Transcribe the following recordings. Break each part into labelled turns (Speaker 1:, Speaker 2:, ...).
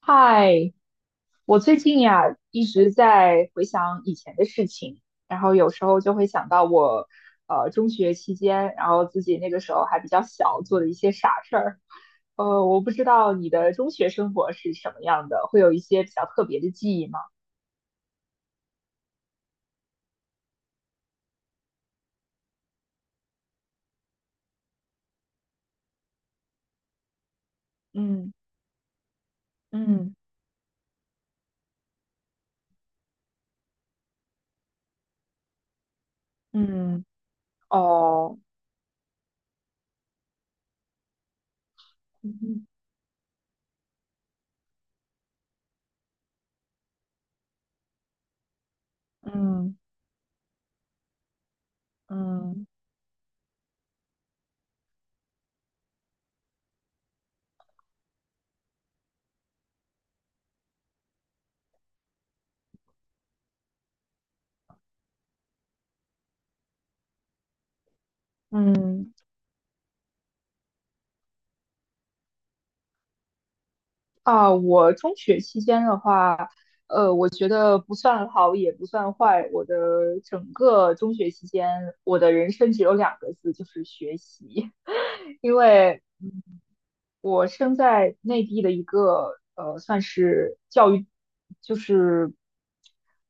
Speaker 1: 嗨，我最近呀一直在回想以前的事情，然后有时候就会想到我，中学期间，然后自己那个时候还比较小，做的一些傻事儿。我不知道你的中学生活是什么样的，会有一些比较特别的记忆吗？嗯嗯嗯，哦，嗯嗯嗯嗯。啊，我中学期间的话，我觉得不算好也不算坏。我的整个中学期间，我的人生只有两个字，就是学习。因为，我生在内地的一个算是教育，就是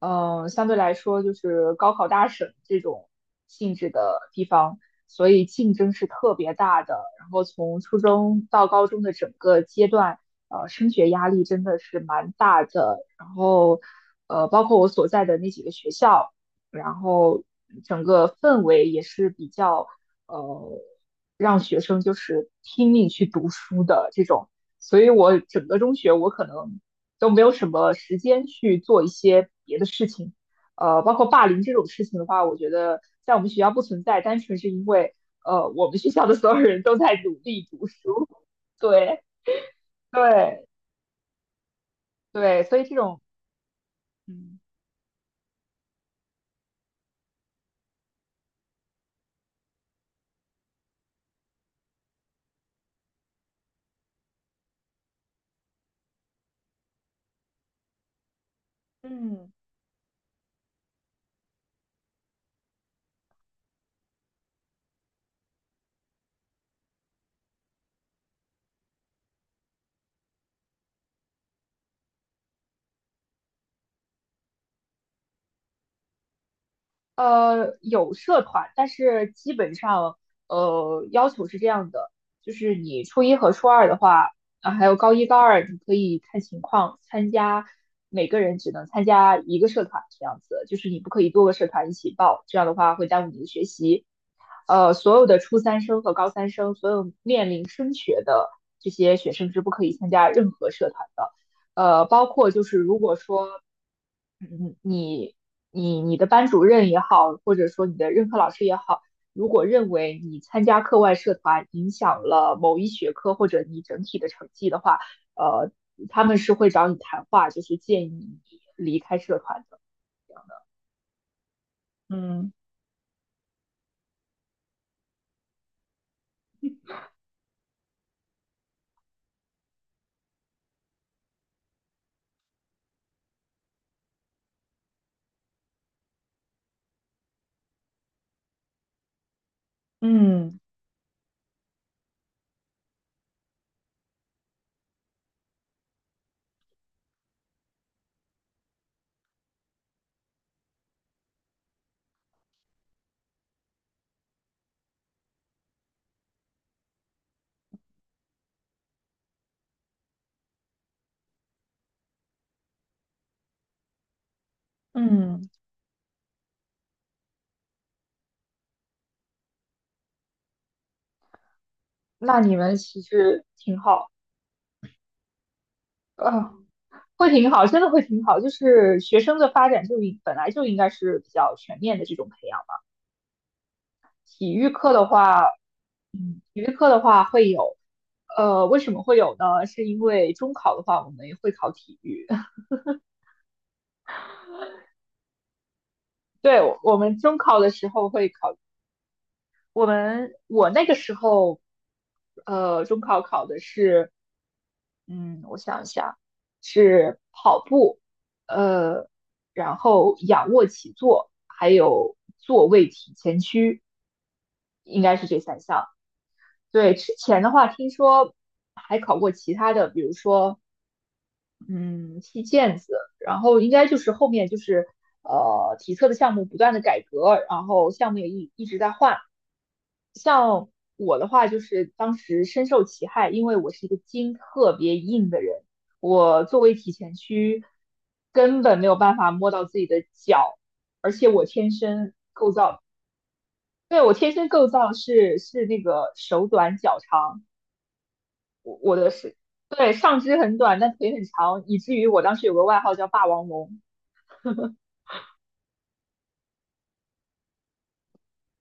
Speaker 1: 相对来说就是高考大省这种性质的地方，所以竞争是特别大的。然后从初中到高中的整个阶段，升学压力真的是蛮大的。然后，包括我所在的那几个学校，然后整个氛围也是比较，呃，让学生就是拼命去读书的这种。所以我整个中学，我可能，都没有什么时间去做一些别的事情。包括霸凌这种事情的话，我觉得在我们学校不存在，单纯是因为我们学校的所有人都在努力读书。对对对，所以这种嗯。嗯，有社团，但是基本上，要求是这样的，就是你初一和初二的话，啊，还有高一、高二，你可以看情况参加，每个人只能参加一个社团，这样子，就是你不可以多个社团一起报，这样的话会耽误你的学习。所有的初三生和高三生，所有面临升学的这些学生是不可以参加任何社团的。包括就是如果说嗯，你你的班主任也好，或者说你的任课老师也好，如果认为你参加课外社团影响了某一学科或者你整体的成绩的话，呃，他们是会找你谈话，就是建议你离开社团的。嗯嗯嗯，那你们其实挺好，呃，会挺好，真的会挺好。就是学生的发展就应本来就应该是比较全面的这种培养。体育课的话，体育课的话会有，为什么会有呢？是因为中考的话，我们也会考体育。对，我们中考的时候会考，我那个时候，中考考的是，我想一下，是跑步，呃，然后仰卧起坐，还有坐位体前屈，应该是这三项。对，之前的话听说还考过其他的，比如说嗯，踢毽子，然后应该就是后面就是体测的项目不断的改革，然后项目也一直在换。嗯，我的话就是当时深受其害，因为我是一个筋特别硬的人，我作为体前屈根本没有办法摸到自己的脚，而且我天生，对，我天生构造是那个手短脚长，我的是，对，上肢很短，但腿很长，以至于我当时有个外号叫霸王龙。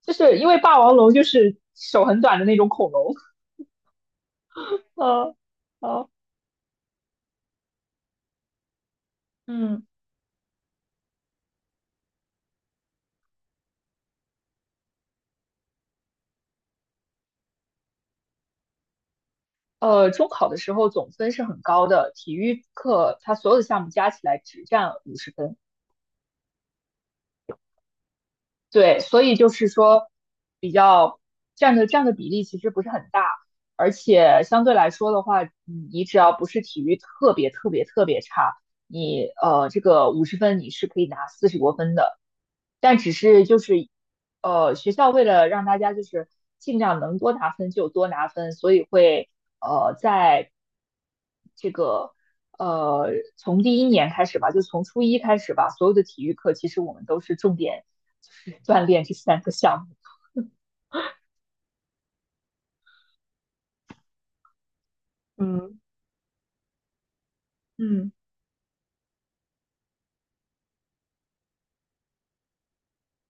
Speaker 1: 就是因为霸王龙就是手很短的那种恐龙 呃呃嗯，中考的时候总分是很高的，体育课它所有的项目加起来只占五十分。对，所以就是说，比较占的比例其实不是很大，而且相对来说的话，你只要不是体育特别特别特别差，你这个五十分你是可以拿四十多分的，但只是就是学校为了让大家就是尽量能多拿分就多拿分，所以会在这个呃从第一年开始吧，就从初一开始吧，所有的体育课其实我们都是重点。就是锻炼这三个项目。嗯嗯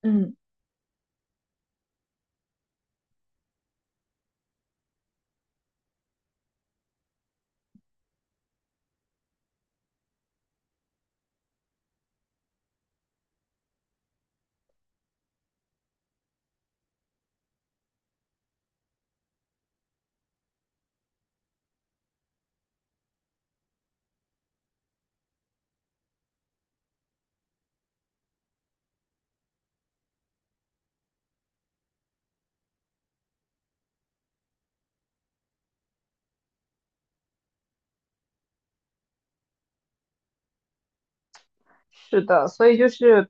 Speaker 1: 嗯，是的，所以就是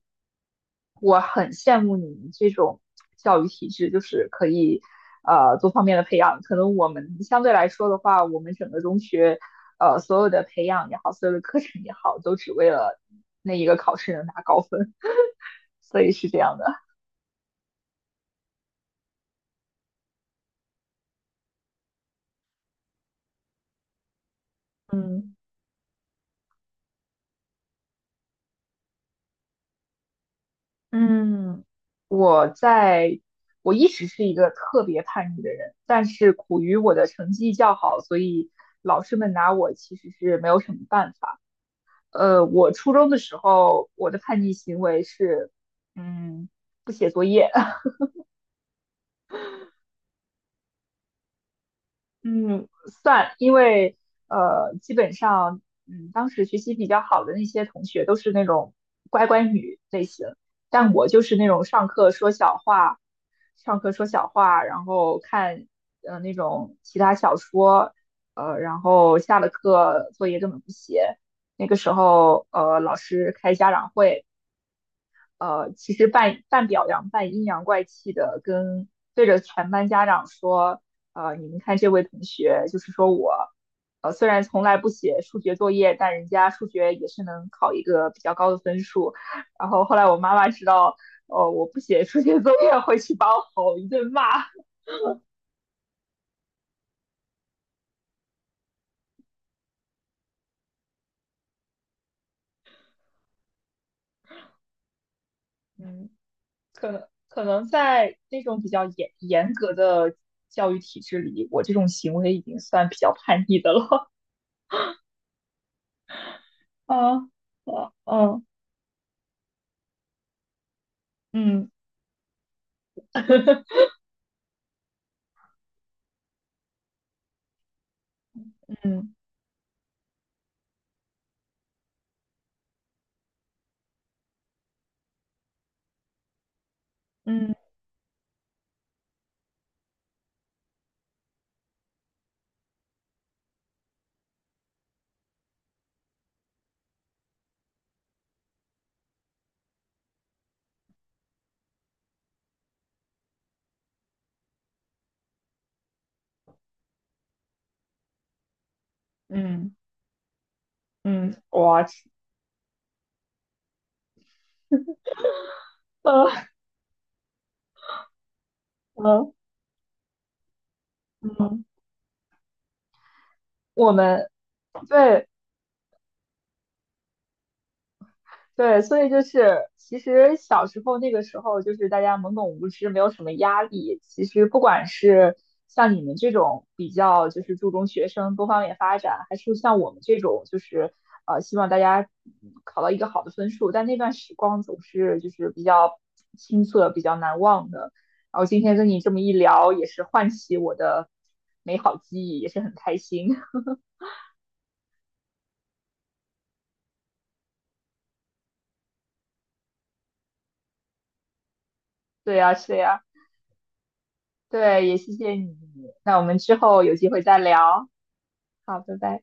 Speaker 1: 我很羡慕你们这种教育体制，就是可以多方面的培养。可能我们相对来说的话，我们整个中学所有的培养也好，所有的课程也好，都只为了那一个考试能拿高分，所以是这样的。嗯。嗯，我在，我一直是一个特别叛逆的人，但是苦于我的成绩较好，所以老师们拿我其实是没有什么办法。我初中的时候，我的叛逆行为是，嗯，不写作业。嗯，算，因为基本上，当时学习比较好的那些同学都是那种乖乖女类型，但我就是那种上课说小话，然后看那种其他小说，然后下了课作业根本不写。那个时候，老师开家长会，其实半表扬半阴阳怪气的跟对着全班家长说，你们看这位同学，就是说我，虽然从来不写数学作业，但人家数学也是能考一个比较高的分数。然后后来我妈妈知道，我不写数学作业，回去把我吼一顿骂。嗯，可能在那种比较严格的教育体制里，我这种行为已经算比较叛逆的了。啊啊嗯嗯。嗯嗯嗯嗯，嗯呃嗯嗯，我们对对，所以就是其实小时候那个时候，就是大家懵懂无知，没有什么压力。其实不管是像你们这种比较就是注重学生多方面发展，还是像我们这种就是希望大家考到一个好的分数，但那段时光总是就是比较青涩、比较难忘的。然后今天跟你这么一聊，也是唤起我的美好记忆，也是很开心。对呀，是呀，对，也谢谢你。那我们之后有机会再聊。好，拜拜。